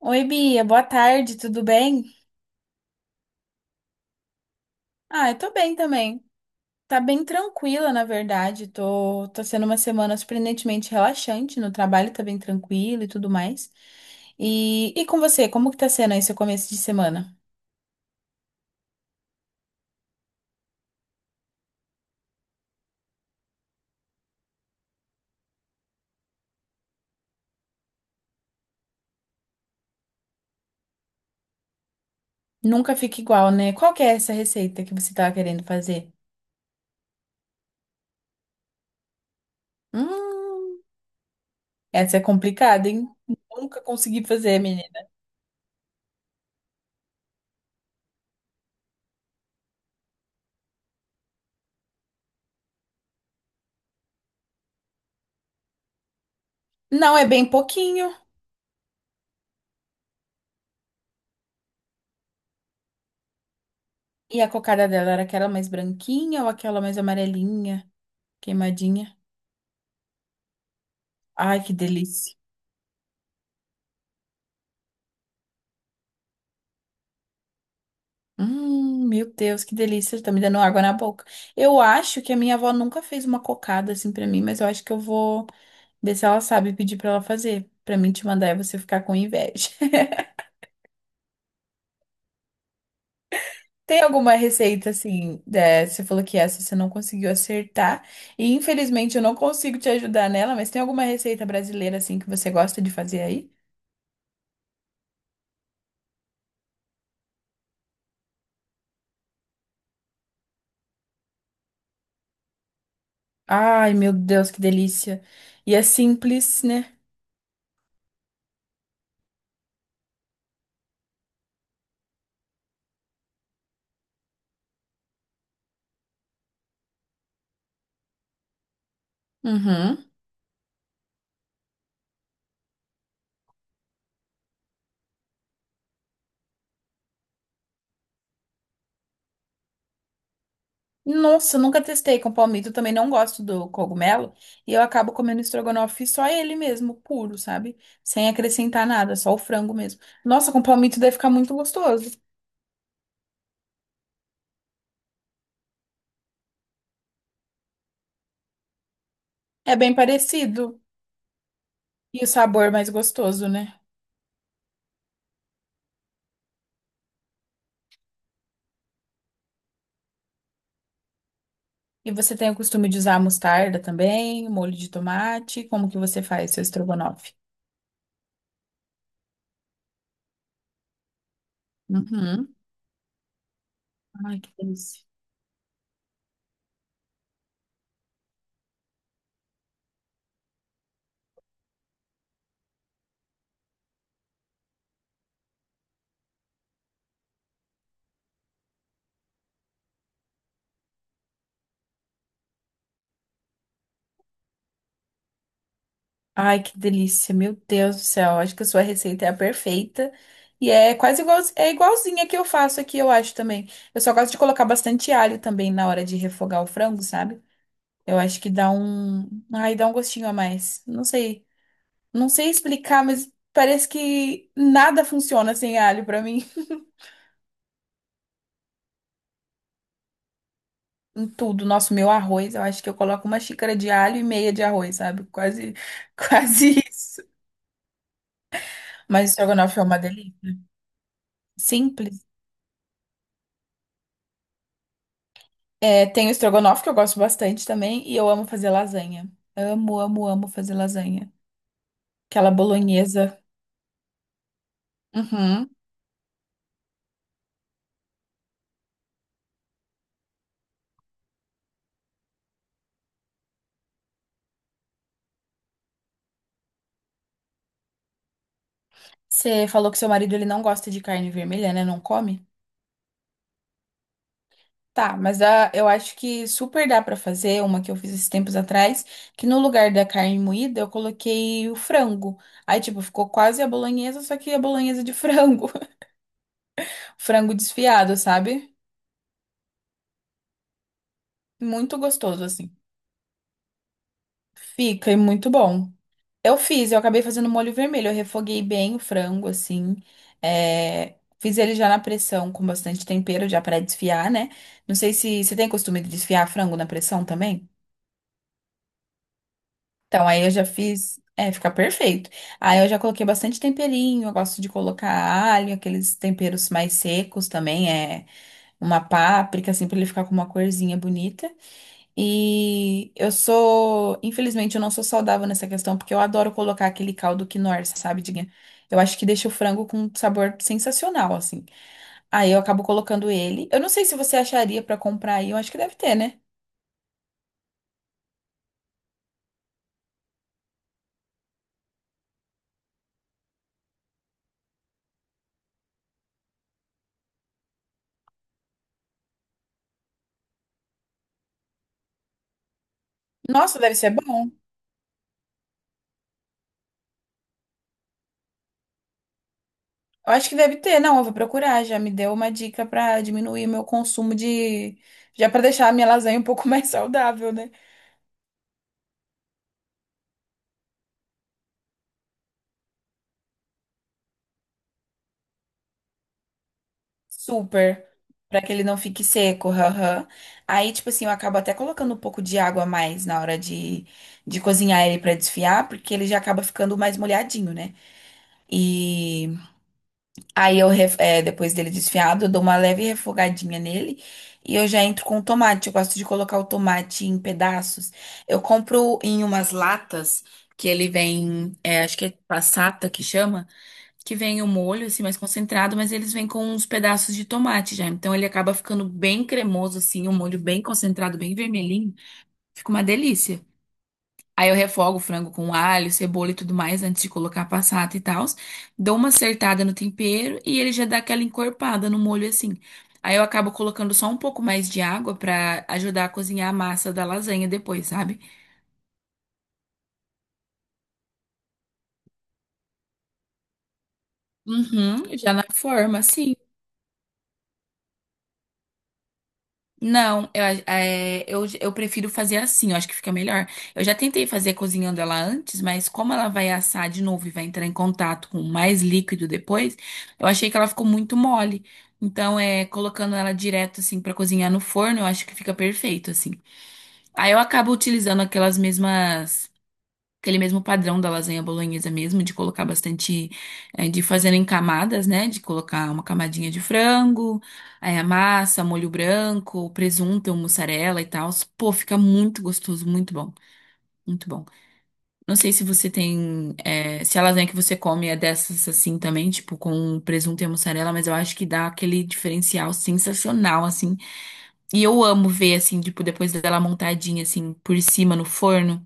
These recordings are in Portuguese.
Oi, Bia, boa tarde, tudo bem? Ah, eu tô bem também. Tá bem tranquila, na verdade. Tá sendo uma semana surpreendentemente relaxante no trabalho, tá bem tranquilo e tudo mais. E com você, como que tá sendo aí seu começo de semana? Nunca fica igual, né? Qual que é essa receita que você tava querendo fazer? Hum, essa é complicada, hein? Nunca consegui fazer, menina. Não, é bem pouquinho. E a cocada dela era aquela mais branquinha ou aquela mais amarelinha, queimadinha? Ai, que delícia. Meu Deus, que delícia, tá me dando água na boca. Eu acho que a minha avó nunca fez uma cocada assim pra mim, mas eu acho que eu vou ver se ela sabe, pedir pra ela fazer, pra mim te mandar e você ficar com inveja. Tem alguma receita assim, né? Você falou que essa você não conseguiu acertar, e infelizmente eu não consigo te ajudar nela, mas tem alguma receita brasileira assim que você gosta de fazer aí? Ai, meu Deus, que delícia. E é simples, né? Uhum. Nossa, eu nunca testei com palmito, eu também não gosto do cogumelo, e eu acabo comendo estrogonofe só ele mesmo, puro, sabe? Sem acrescentar nada, só o frango mesmo. Nossa, com palmito deve ficar muito gostoso. É bem parecido, e o sabor é mais gostoso, né? E você tem o costume de usar mostarda também, molho de tomate? Como que você faz seu estrogonofe? Uhum. Ai, que delícia. Ai, que delícia, meu Deus do céu. Acho que a sua receita é a perfeita. E é quase igual, é igualzinha que eu faço aqui, eu acho também. Eu só gosto de colocar bastante alho também na hora de refogar o frango, sabe? Eu acho que dá um, ai, dá um gostinho a mais. Não sei, não sei explicar, mas parece que nada funciona sem alho pra mim. Em tudo, nosso, meu arroz, eu acho que eu coloco uma xícara de alho e meia de arroz, sabe? Quase, quase isso. Mas o estrogonofe é uma delícia. Simples. É, tem o estrogonofe, que eu gosto bastante também, e eu amo fazer lasanha. Amo, amo, amo fazer lasanha. Aquela bolonhesa. Uhum. Você falou que seu marido ele não gosta de carne vermelha, né? Não come? Tá, mas ah, eu acho que super dá pra fazer uma que eu fiz esses tempos atrás, que no lugar da carne moída eu coloquei o frango. Aí, tipo, ficou quase a bolonhesa, só que a bolonhesa de frango. Frango desfiado, sabe? Muito gostoso, assim. Fica e muito bom. Eu fiz, eu acabei fazendo molho vermelho. Eu refoguei bem o frango, assim. É, fiz ele já na pressão com bastante tempero, já para desfiar, né? Não sei se você tem costume de desfiar frango na pressão também. Então, aí eu já fiz. É, fica perfeito. Aí eu já coloquei bastante temperinho. Eu gosto de colocar alho, aqueles temperos mais secos também. É uma páprica, assim, pra ele ficar com uma corzinha bonita. E eu sou, infelizmente, eu não sou saudável nessa questão, porque eu adoro colocar aquele caldo quinoa, sabe, Diguinha? Eu acho que deixa o frango com um sabor sensacional, assim. Aí eu acabo colocando ele. Eu não sei se você acharia pra comprar aí, eu acho que deve ter, né? Nossa, deve ser bom. Eu acho que deve ter, não, eu vou procurar, já me deu uma dica pra diminuir meu consumo de, já pra deixar a minha lasanha um pouco mais saudável, né? Super, pra que ele não fique seco, haha. Aí, tipo assim, eu acabo até colocando um pouco de água a mais na hora de cozinhar ele pra desfiar, porque ele já acaba ficando mais molhadinho, né? E aí eu, depois dele desfiado, eu dou uma leve refogadinha nele e eu já entro com o tomate. Eu gosto de colocar o tomate em pedaços. Eu compro em umas latas que ele vem, é, acho que é passata que chama, que vem o molho, assim, mais concentrado, mas eles vêm com uns pedaços de tomate já. Então ele acaba ficando bem cremoso, assim, um molho bem concentrado, bem vermelhinho. Fica uma delícia. Aí eu refogo o frango com alho, cebola e tudo mais antes de colocar a passata e tal. Dou uma acertada no tempero e ele já dá aquela encorpada no molho, assim. Aí eu acabo colocando só um pouco mais de água pra ajudar a cozinhar a massa da lasanha depois, sabe? Uhum, já na forma, assim. Não, eu, eu prefiro fazer assim, eu acho que fica melhor. Eu já tentei fazer cozinhando ela antes, mas como ela vai assar de novo e vai entrar em contato com mais líquido depois, eu achei que ela ficou muito mole. Então, é, colocando ela direto assim pra cozinhar no forno, eu acho que fica perfeito assim. Aí eu acabo utilizando aquelas mesmas aquele mesmo padrão da lasanha bolonhesa mesmo, de colocar bastante, de fazer em camadas, né? De colocar uma camadinha de frango, aí a massa, molho branco, presunto, mussarela e tal. Pô, fica muito gostoso, muito bom, muito bom. Não sei se você tem, se a lasanha que você come é dessas assim também, tipo com presunto e mussarela, mas eu acho que dá aquele diferencial sensacional, assim. E eu amo ver, assim, tipo, depois dela montadinha, assim, por cima no forno.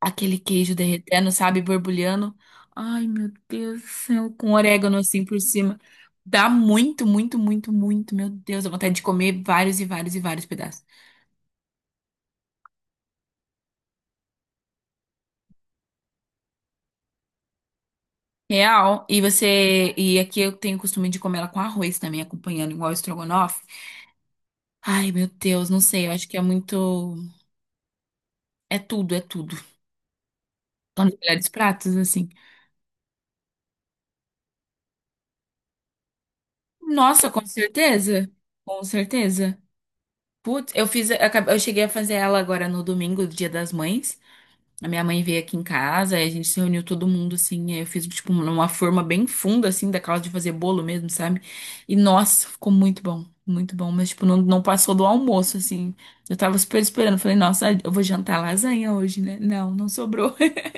Aquele queijo derretendo, sabe? Borbulhando. Ai, meu Deus do céu. Com orégano assim por cima. Dá muito, muito, muito, muito. Meu Deus, dá vontade de comer vários e vários e vários pedaços. Real. E você. E aqui eu tenho o costume de comer ela com arroz também, acompanhando, igual o estrogonofe. Ai, meu Deus, não sei. Eu acho que é muito. É tudo, é tudo. São os melhores pratos, assim. Nossa, com certeza. Com certeza. Putz, eu fiz. Eu cheguei a fazer ela agora no domingo, do Dia das Mães. A minha mãe veio aqui em casa, aí a gente se reuniu todo mundo, assim, aí eu fiz, tipo, uma forma bem funda, assim, daquela de fazer bolo mesmo, sabe? E, nossa, ficou muito bom, mas, tipo, não, não passou do almoço, assim. Eu tava super esperando, falei, nossa, eu vou jantar lasanha hoje, né? Não, não sobrou,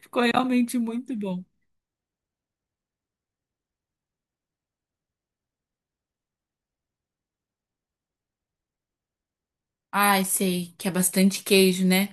ficou realmente muito bom. Ai, sei, que é bastante queijo, né?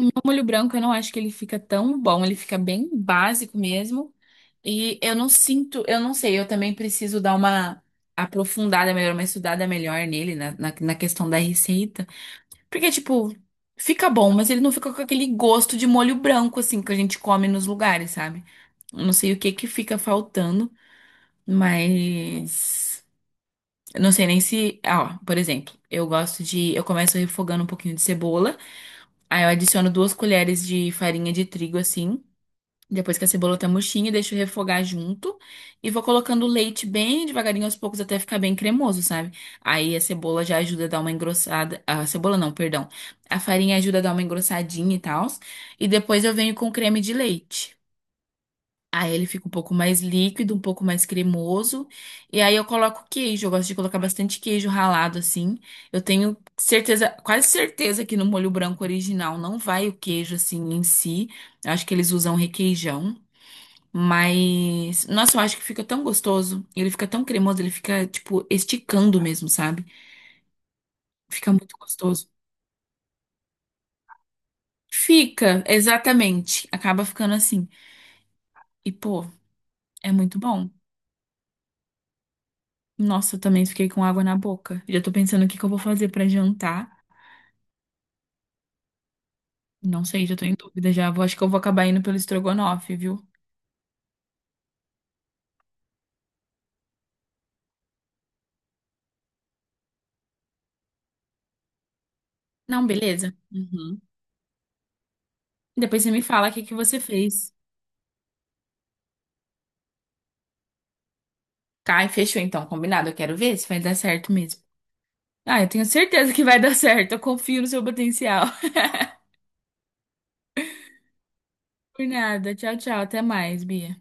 O molho branco, eu não acho que ele fica tão bom, ele fica bem básico mesmo. E eu não sinto, eu não sei, eu também preciso dar uma aprofundada melhor, uma estudada melhor nele, na questão da receita. Porque, tipo, fica bom, mas ele não fica com aquele gosto de molho branco, assim, que a gente come nos lugares, sabe? Eu não sei o que que fica faltando, mas. Eu não sei nem se. Ah, ó, por exemplo, eu gosto de. Eu começo refogando um pouquinho de cebola, aí eu adiciono duas colheres de farinha de trigo, assim. Depois que a cebola tá murchinha, deixo refogar junto e vou colocando o leite bem devagarinho aos poucos até ficar bem cremoso, sabe? Aí a cebola já ajuda a dar uma engrossada. A cebola não, perdão. A farinha ajuda a dar uma engrossadinha e tal. E depois eu venho com o creme de leite. Aí ele fica um pouco mais líquido, um pouco mais cremoso. E aí eu coloco queijo. Eu gosto de colocar bastante queijo ralado assim. Eu tenho certeza, quase certeza que no molho branco original não vai o queijo assim em si. Eu acho que eles usam requeijão. Mas, nossa, eu acho que fica tão gostoso. Ele fica tão cremoso, ele fica, tipo, esticando mesmo, sabe? Fica muito gostoso. Fica, exatamente. Acaba ficando assim. E, pô, é muito bom. Nossa, eu também fiquei com água na boca. Já tô pensando o que que eu vou fazer pra jantar. Não sei, já tô em dúvida já. Vou, acho que eu vou acabar indo pelo estrogonofe, viu? Não, beleza. Uhum. Depois você me fala o que que você fez. Tá, e fechou então, combinado. Eu quero ver se vai dar certo mesmo. Ah, eu tenho certeza que vai dar certo. Eu confio no seu potencial. Por nada. Tchau, tchau. Até mais, Bia.